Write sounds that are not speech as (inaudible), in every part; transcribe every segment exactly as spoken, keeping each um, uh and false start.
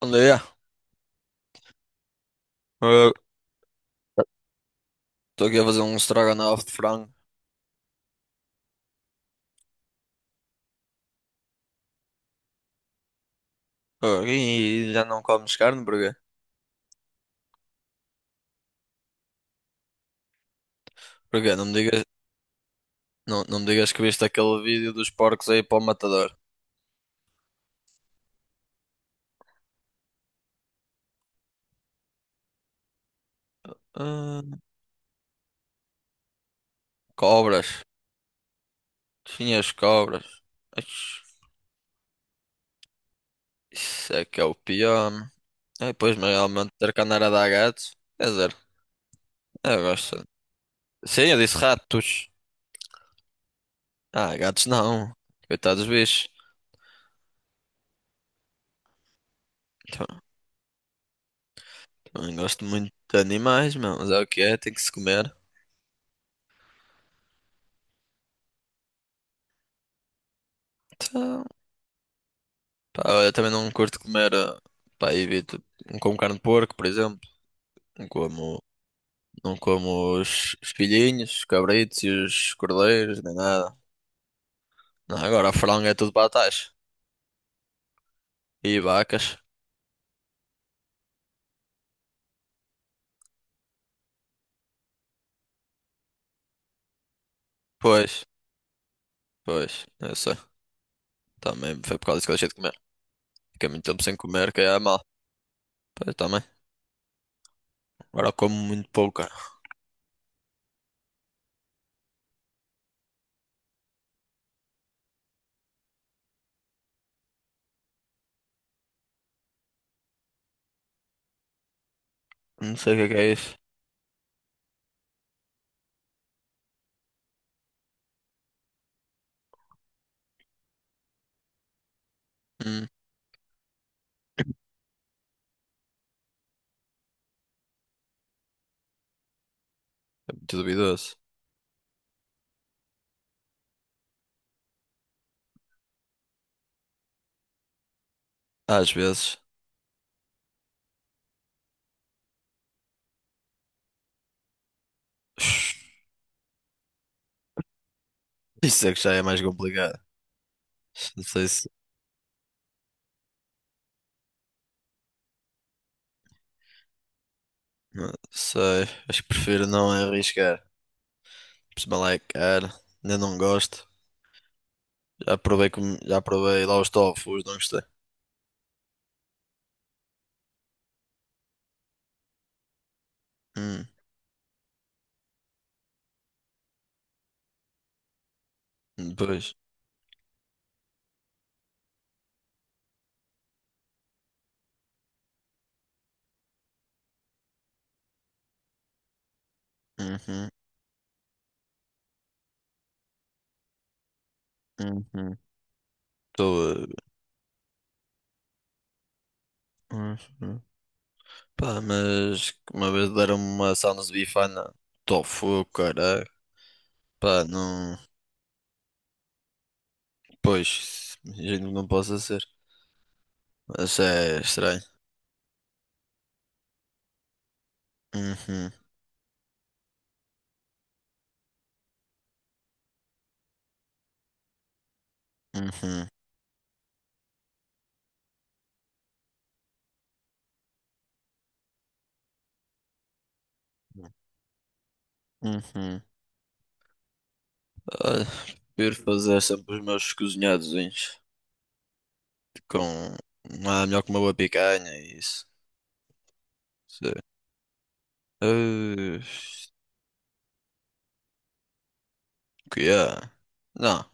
Olha, eu estou aqui a fazer um estrogonofe de frango. Ah, e já não comes carne, porquê? Porquê? Não me digas, não, não me digas que viste aquele vídeo dos porcos aí para o matador. Ah, cobras. Tinha as cobras. Ixi, isso é que é o pior. É, pois, mas realmente ter que andar a dar gatos. Quer dizer, eu gosto. Sim, eu disse ratos. Ah, gatos não. Coitados dos bichos. Então, também gosto muito de animais, meu, mas é o que é, tem que se comer. Então, pá, eu também não curto comer, eh, pá, evito. Não como carne de porco, por exemplo. Não como, não como os, os filhinhos, os cabritos e os cordeiros, nem nada. Não, agora a franga é tudo batata e vacas. Pois, pois, eu sei. Também foi por causa disso que eu deixei de comer. Fiquei muito tempo sem comer, que é mal. Pois também. Agora como muito pouco, cara. Não sei o que é que é isso. Hum, muito duvidoso. Às vezes. (laughs) Isso é que já é mais complicado. Não sei se. Não sei. Acho que prefiro não arriscar. Pessoal é caro, ainda não gosto. Já provei, com, já provei lá os tofus, não gostei. Hum, depois. Uhum, uhum. Estou a- uhum. Pá, mas uma vez deram-me uma Sounds Bifana tofu, caralho. Pá, não. Pois, imagino que não possa ser. Mas é estranho. Uhum, uhum, uhum. Olha, prefiro fazer sempre os meus cozinhados com. Ah, melhor que uma boa picanha e isso. Sim. Uh, que é? Não,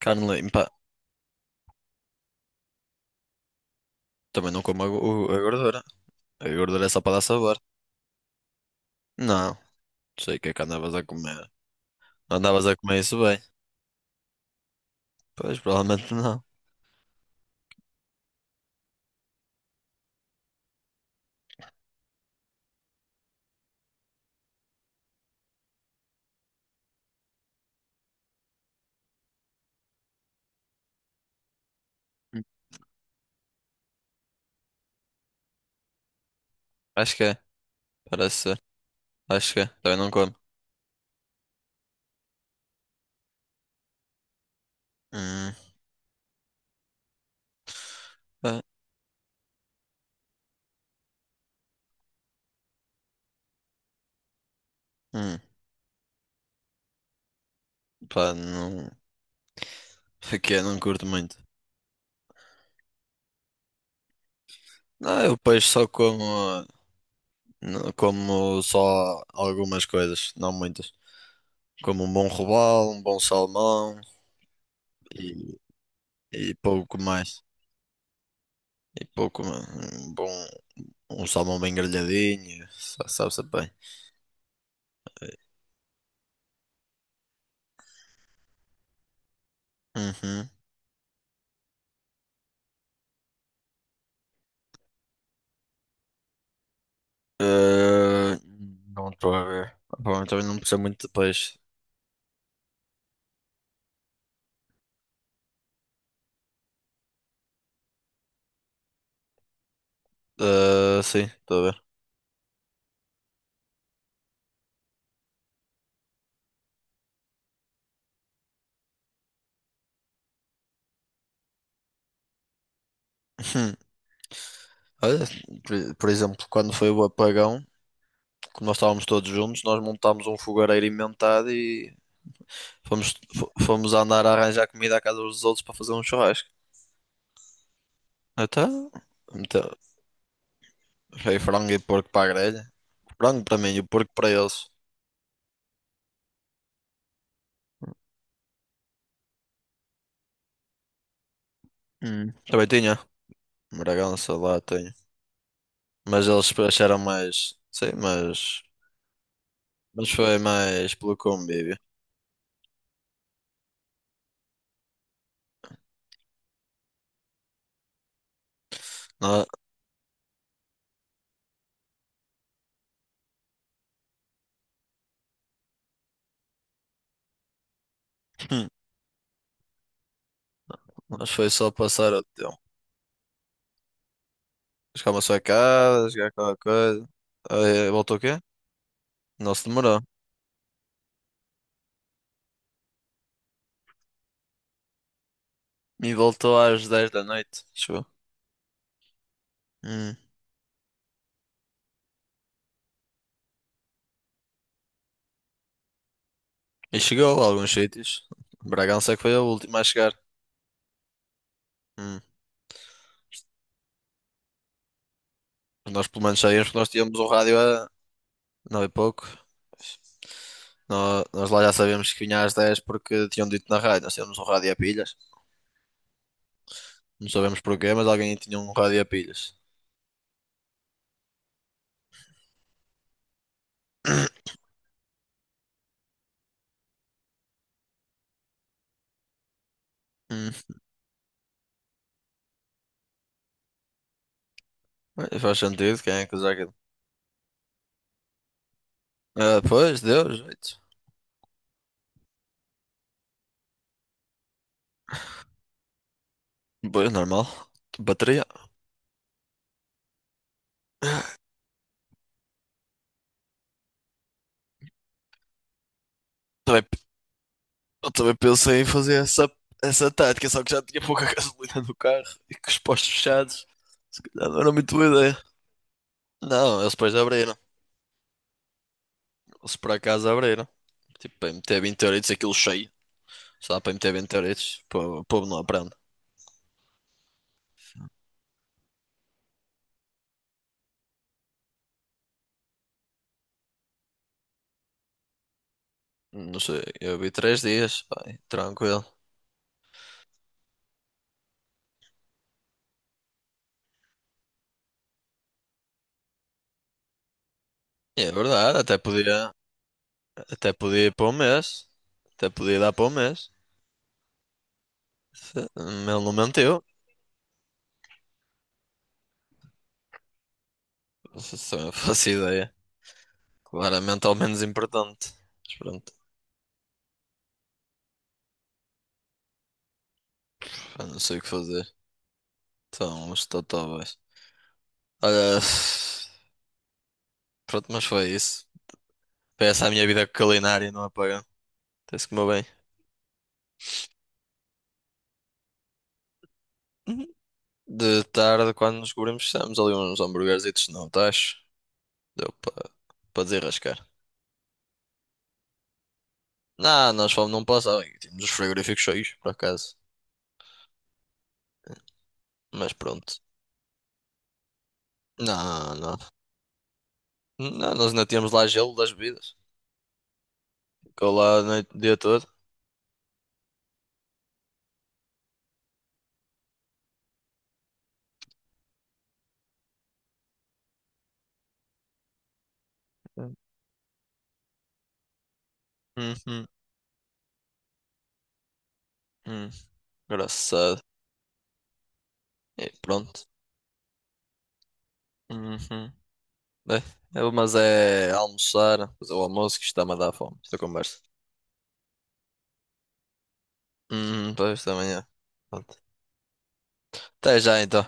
carne limpa. Também não como a, go- a gordura. A gordura é só para dar sabor. Não, sei o que é que andavas a comer. Não andavas a comer isso bem. Pois, provavelmente não. Hum, Acho que é, parece ser. Acho que é, também não como. Hum, pá, hum, pá, não. (laughs) Aqui é, não curto muito. Não, eu peixe só como. Ah, não- como só algumas coisas, não muitas. Como um bom robalo, um bom salmão e, e pouco mais. E pouco, mano. Um bom. Um salmão bem grelhadinho. sa- Sabe-se bem. Uhum. Eh, não estou a ver. Pá, eu também não percebo muito de peixe. Eh, sim, estou a ver. (laughs) Olha, por, por exemplo, quando foi o apagão, como nós estávamos todos juntos, nós montámos um fogareiro inventado e fomos, fo- fomos andar a arranjar comida à casa dos outros para fazer um churrasco. Então, então foi frango e porco para a grelha. Frango para mim e o porco para eles. Hum. Também tinha. Bragança lá tenho. Mas eles acharam mais. Sim, mas. Mas foi mais pelo convívio. Nós, (clears throat) Nós foi só passar o tempo. Chegámos à sua casa, chegar qualquer coisa. Aí, voltou o quê? Não se demorou. E voltou às dez da noite. Chegou. Hum. E chegou a alguns sítios. Bragança é que foi a última a chegar. Hum. Nós pelo menos saímos porque nós tínhamos o rádio a nove e pouco. Nó- Nós, lá já sabíamos que vinha às dez porque tinham dito na rádio. Nós tínhamos o rádio a pilhas. Não sabemos porquê, mas alguém tinha um rádio a pilhas. (clears throat) Hum, Bem, faz sentido, quem é que usa aquilo? Ah, pois, deu jeito. Pois, normal. Bateria. Também- Eu também pensei em fazer essa, essa tática, só que já tinha pouca (laughs) gasolina no carro e com os postos fechados. Se calhar não era muito boa ideia. Não, eles depois abriram. Eles por acaso abriram. Tipo, para meter vinte euritos aquilo cheio. Só para meter vinte euritos. pô- O povo não aprende. Não sei, eu vi três dias, pá, tranquilo. E é verdade, até podia. Até podia ir para o mês. Até podia dar para um mês. Ele não mentiu. Só eu (laughs) faço ideia. Claramente ao menos importante. Mas pronto, pá, não sei o que fazer. Então, os totóbais. Olha, (sighs) pronto, mas foi isso. Foi essa a minha vida culinária não apagão. Tem-se que comer bem. Uhum. De tarde, quando nos cobrimos, fizemos ali uns hamburguerzitos no tacho. Deu para para desarrascar. Não, nós fomos num passado. Tínhamos os frigoríficos cheios, por acaso. Mas pronto. Não, não. Não, nós ainda tínhamos lá gelo das bebidas. Ficou lá a noite, o dia todo. Uhum, uhum. Engraçado. E pronto. Uhum. Bem, eu- mas é almoçar, fazer o almoço que está-me a dar fome. Esta conversa. Uhum, para esta manhã. Pronto. Até já então.